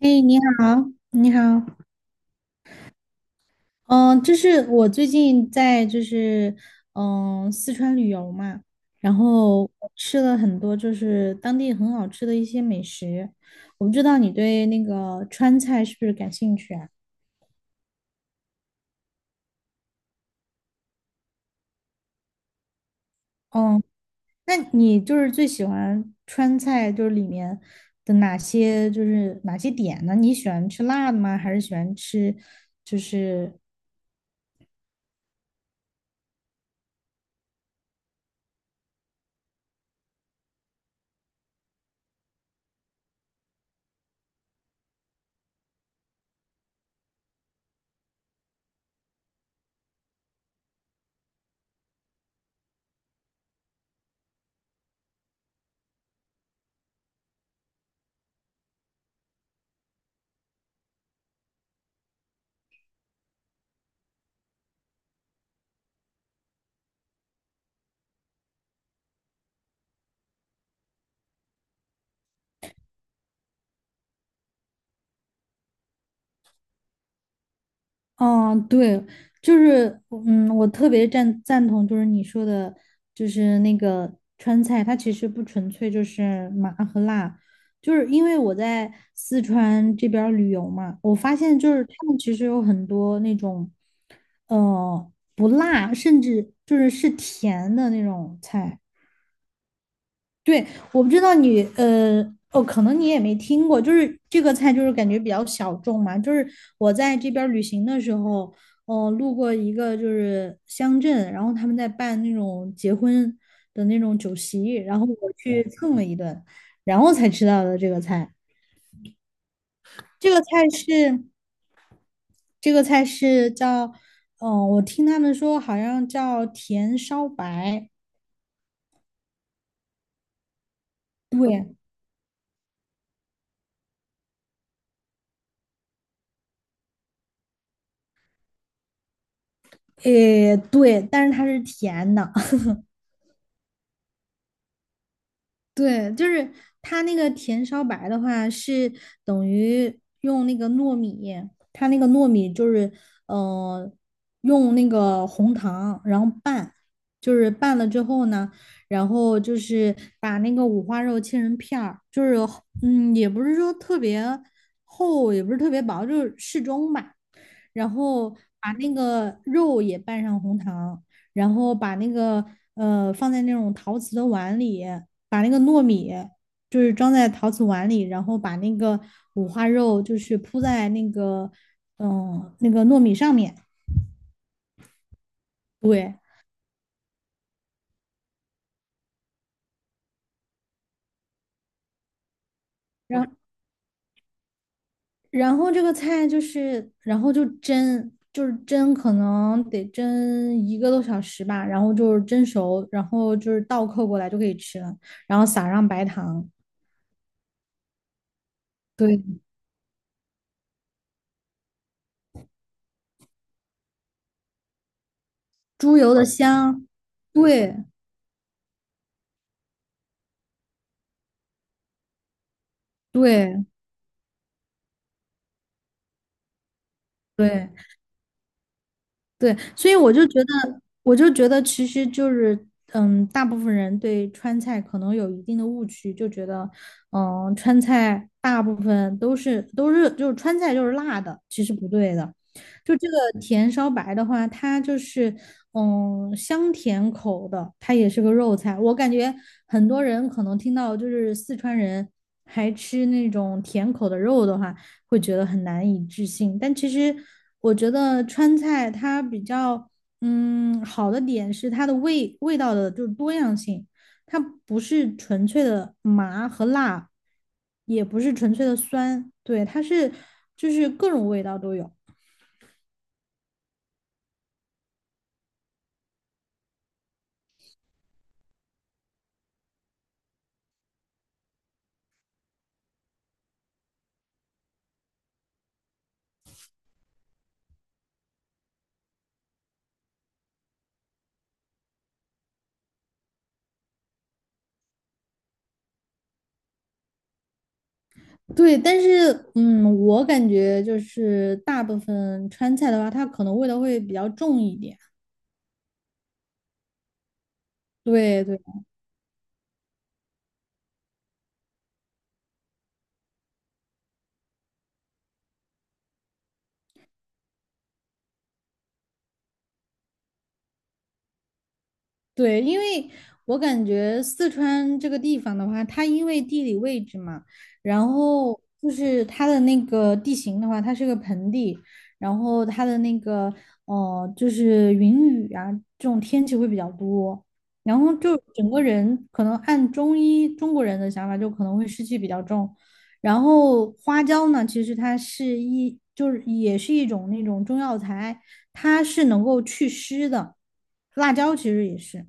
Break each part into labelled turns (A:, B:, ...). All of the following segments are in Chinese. A: 哎，你好，你好。我最近在四川旅游嘛，然后我吃了很多就是当地很好吃的一些美食。我不知道你对那个川菜是不是感兴趣啊？嗯，那你最喜欢川菜里面的哪些哪些点呢？你喜欢吃辣的吗？还是喜欢吃嗯，对，就是，嗯，我特别赞同，就是你说的，就是那个川菜，它其实不纯粹就是麻和辣，就是因为我在四川这边儿旅游嘛，我发现就是他们其实有很多那种，不辣，甚至是甜的那种菜。对，我不知道你，哦，可能你也没听过，就是这个菜，就是感觉比较小众嘛。就是我在这边儿旅行的时候，哦，路过一个就是乡镇，然后他们在办那种结婚的那种酒席，然后我去蹭了一顿，然后才知道的这个菜。这个菜是这个菜是叫，我听他们说好像叫甜烧白。对。诶，对，但是它是甜的。对，就是它那个甜烧白的话，是等于用那个糯米，它那个糯米就是，呃，用那个红糖，然后拌，就是拌了之后呢，然后就是把那个五花肉切成片儿，就是，嗯，也不是说特别厚，也不是特别薄，就是适中吧。然后把那个肉也拌上红糖，然后把那个放在那种陶瓷的碗里，把那个糯米就是装在陶瓷碗里，然后把那个五花肉就是铺在那个那个糯米上面。对。然然后这个菜就是然后就蒸。就是蒸，可能得蒸一个多小时吧，然后就是蒸熟，然后就是倒扣过来就可以吃了，然后撒上白糖。对，猪油的香。对对对。对，所以我就觉得，我就觉得其实就是，嗯，大部分人对川菜可能有一定的误区，就觉得，嗯，川菜大部分都是都是就是川菜就是辣的，其实不对的。就这个甜烧白的话，它就是嗯香甜口的，它也是个肉菜。我感觉很多人可能听到就是四川人还吃那种甜口的肉的话，会觉得很难以置信。但其实我觉得川菜它比较嗯好的点是它的味道的就是多样性。它不是纯粹的麻和辣，也不是纯粹的酸，对，它是就是各种味道都有。对，但是嗯，我感觉就是大部分川菜的话，它可能味道会比较重一点。对对。对，因为我感觉四川这个地方的话，它因为地理位置嘛，然后就是它的那个地形的话，它是个盆地，然后它的那个就是云雨啊这种天气会比较多，然后就整个人可能按中医中国人的想法，就可能会湿气比较重。然后花椒呢，其实它是一就是也是一种那种中药材，它是能够祛湿的，辣椒其实也是。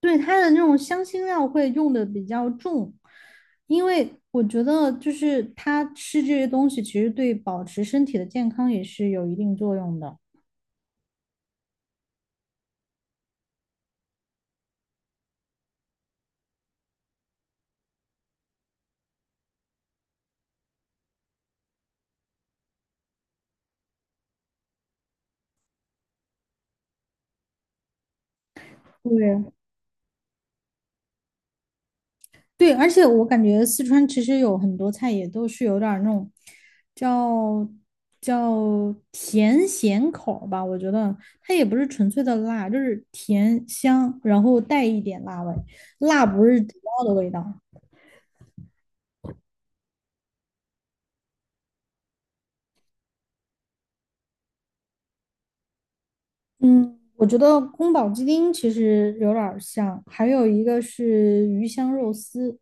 A: 对，它的那种香辛料会用的比较重，因为我觉得就是它吃这些东西，其实对保持身体的健康也是有一定作用的。对。对，而且我感觉四川其实有很多菜也都是有点儿那种叫叫甜咸口儿吧，我觉得它也不是纯粹的辣，就是甜香，然后带一点辣味，辣不是主要的味道。嗯，我觉得宫保鸡丁其实有点儿像，还有一个是鱼香肉丝。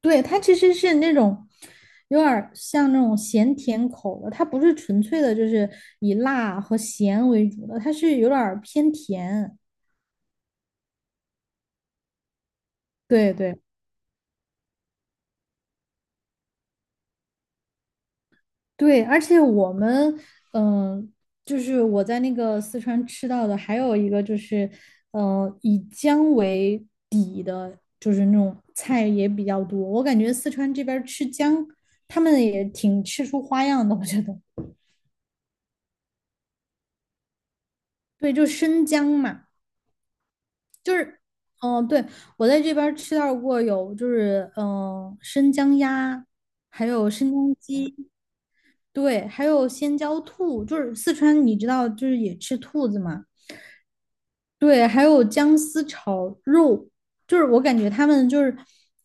A: 对，它其实是那种有点儿像那种咸甜口的，它不是纯粹的，就是以辣和咸为主的，它是有点儿偏甜。对对。对，而且我们，嗯、就是我在那个四川吃到的，还有一个就是，以姜为底的，就是那种菜也比较多。我感觉四川这边儿吃姜，他们也挺吃出花样的，我觉得。对，就生姜嘛，就是，对，我在这边儿吃到过有，就是，生姜鸭，还有生姜鸡。对，还有鲜椒兔，就是四川，你知道，就是也吃兔子嘛。对，还有姜丝炒肉，就是我感觉他们就是，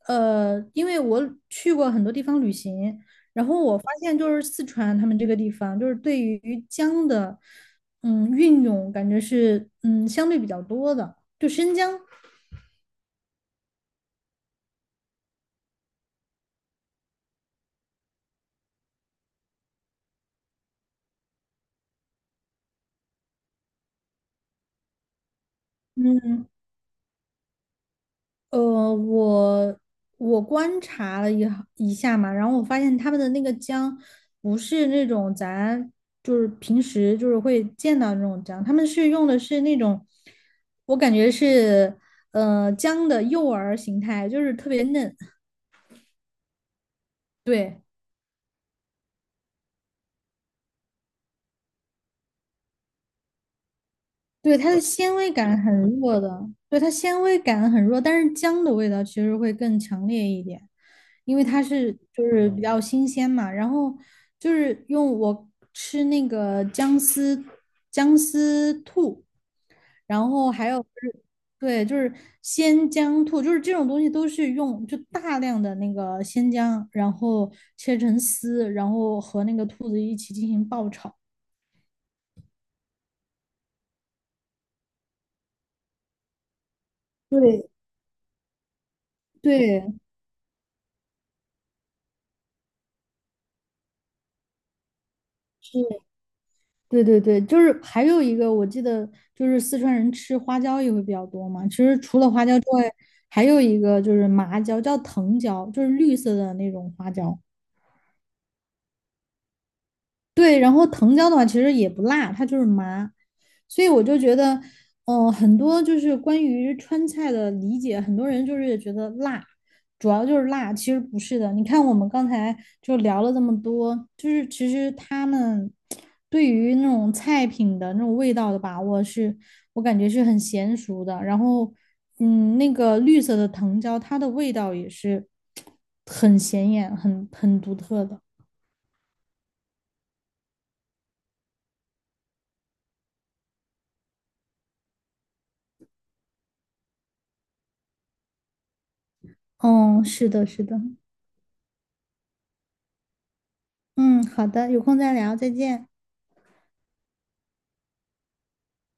A: 因为我去过很多地方旅行，然后我发现就是四川他们这个地方，就是对于姜的，嗯，运用感觉是，嗯，相对比较多的，就生姜。嗯。呃，我我观察了一下嘛，然后我发现他们的那个姜不是那种咱平时就是会见到那种姜，他们是用的是那种，我感觉是姜的幼儿形态，就是特别嫩。对对，它的纤维感很弱的，对它纤维感很弱，但是姜的味道其实会更强烈一点。因为它是就是比较新鲜嘛。然后就是用我吃那个姜丝兔，然后还有就是对，就是鲜姜兔，就是这种东西都是用就大量的那个鲜姜，然后切成丝，然后和那个兔子一起进行爆炒。对对，是对对对，就是还有一个，我记得就是四川人吃花椒也会比较多嘛。其实除了花椒之外，还有一个就是麻椒，叫藤椒，就是绿色的那种花椒。对，然后藤椒的话其实也不辣，它就是麻。所以我就觉得，很多就是关于川菜的理解，很多人就是觉得辣，主要就是辣，其实不是的。你看我们刚才就聊了这么多，就是其实他们对于那种菜品的那种味道的把握是，我感觉是很娴熟的。然后，嗯，那个绿色的藤椒，它的味道也是很显眼、很很独特的。嗯，是的，是的。嗯，好的，有空再聊，再见。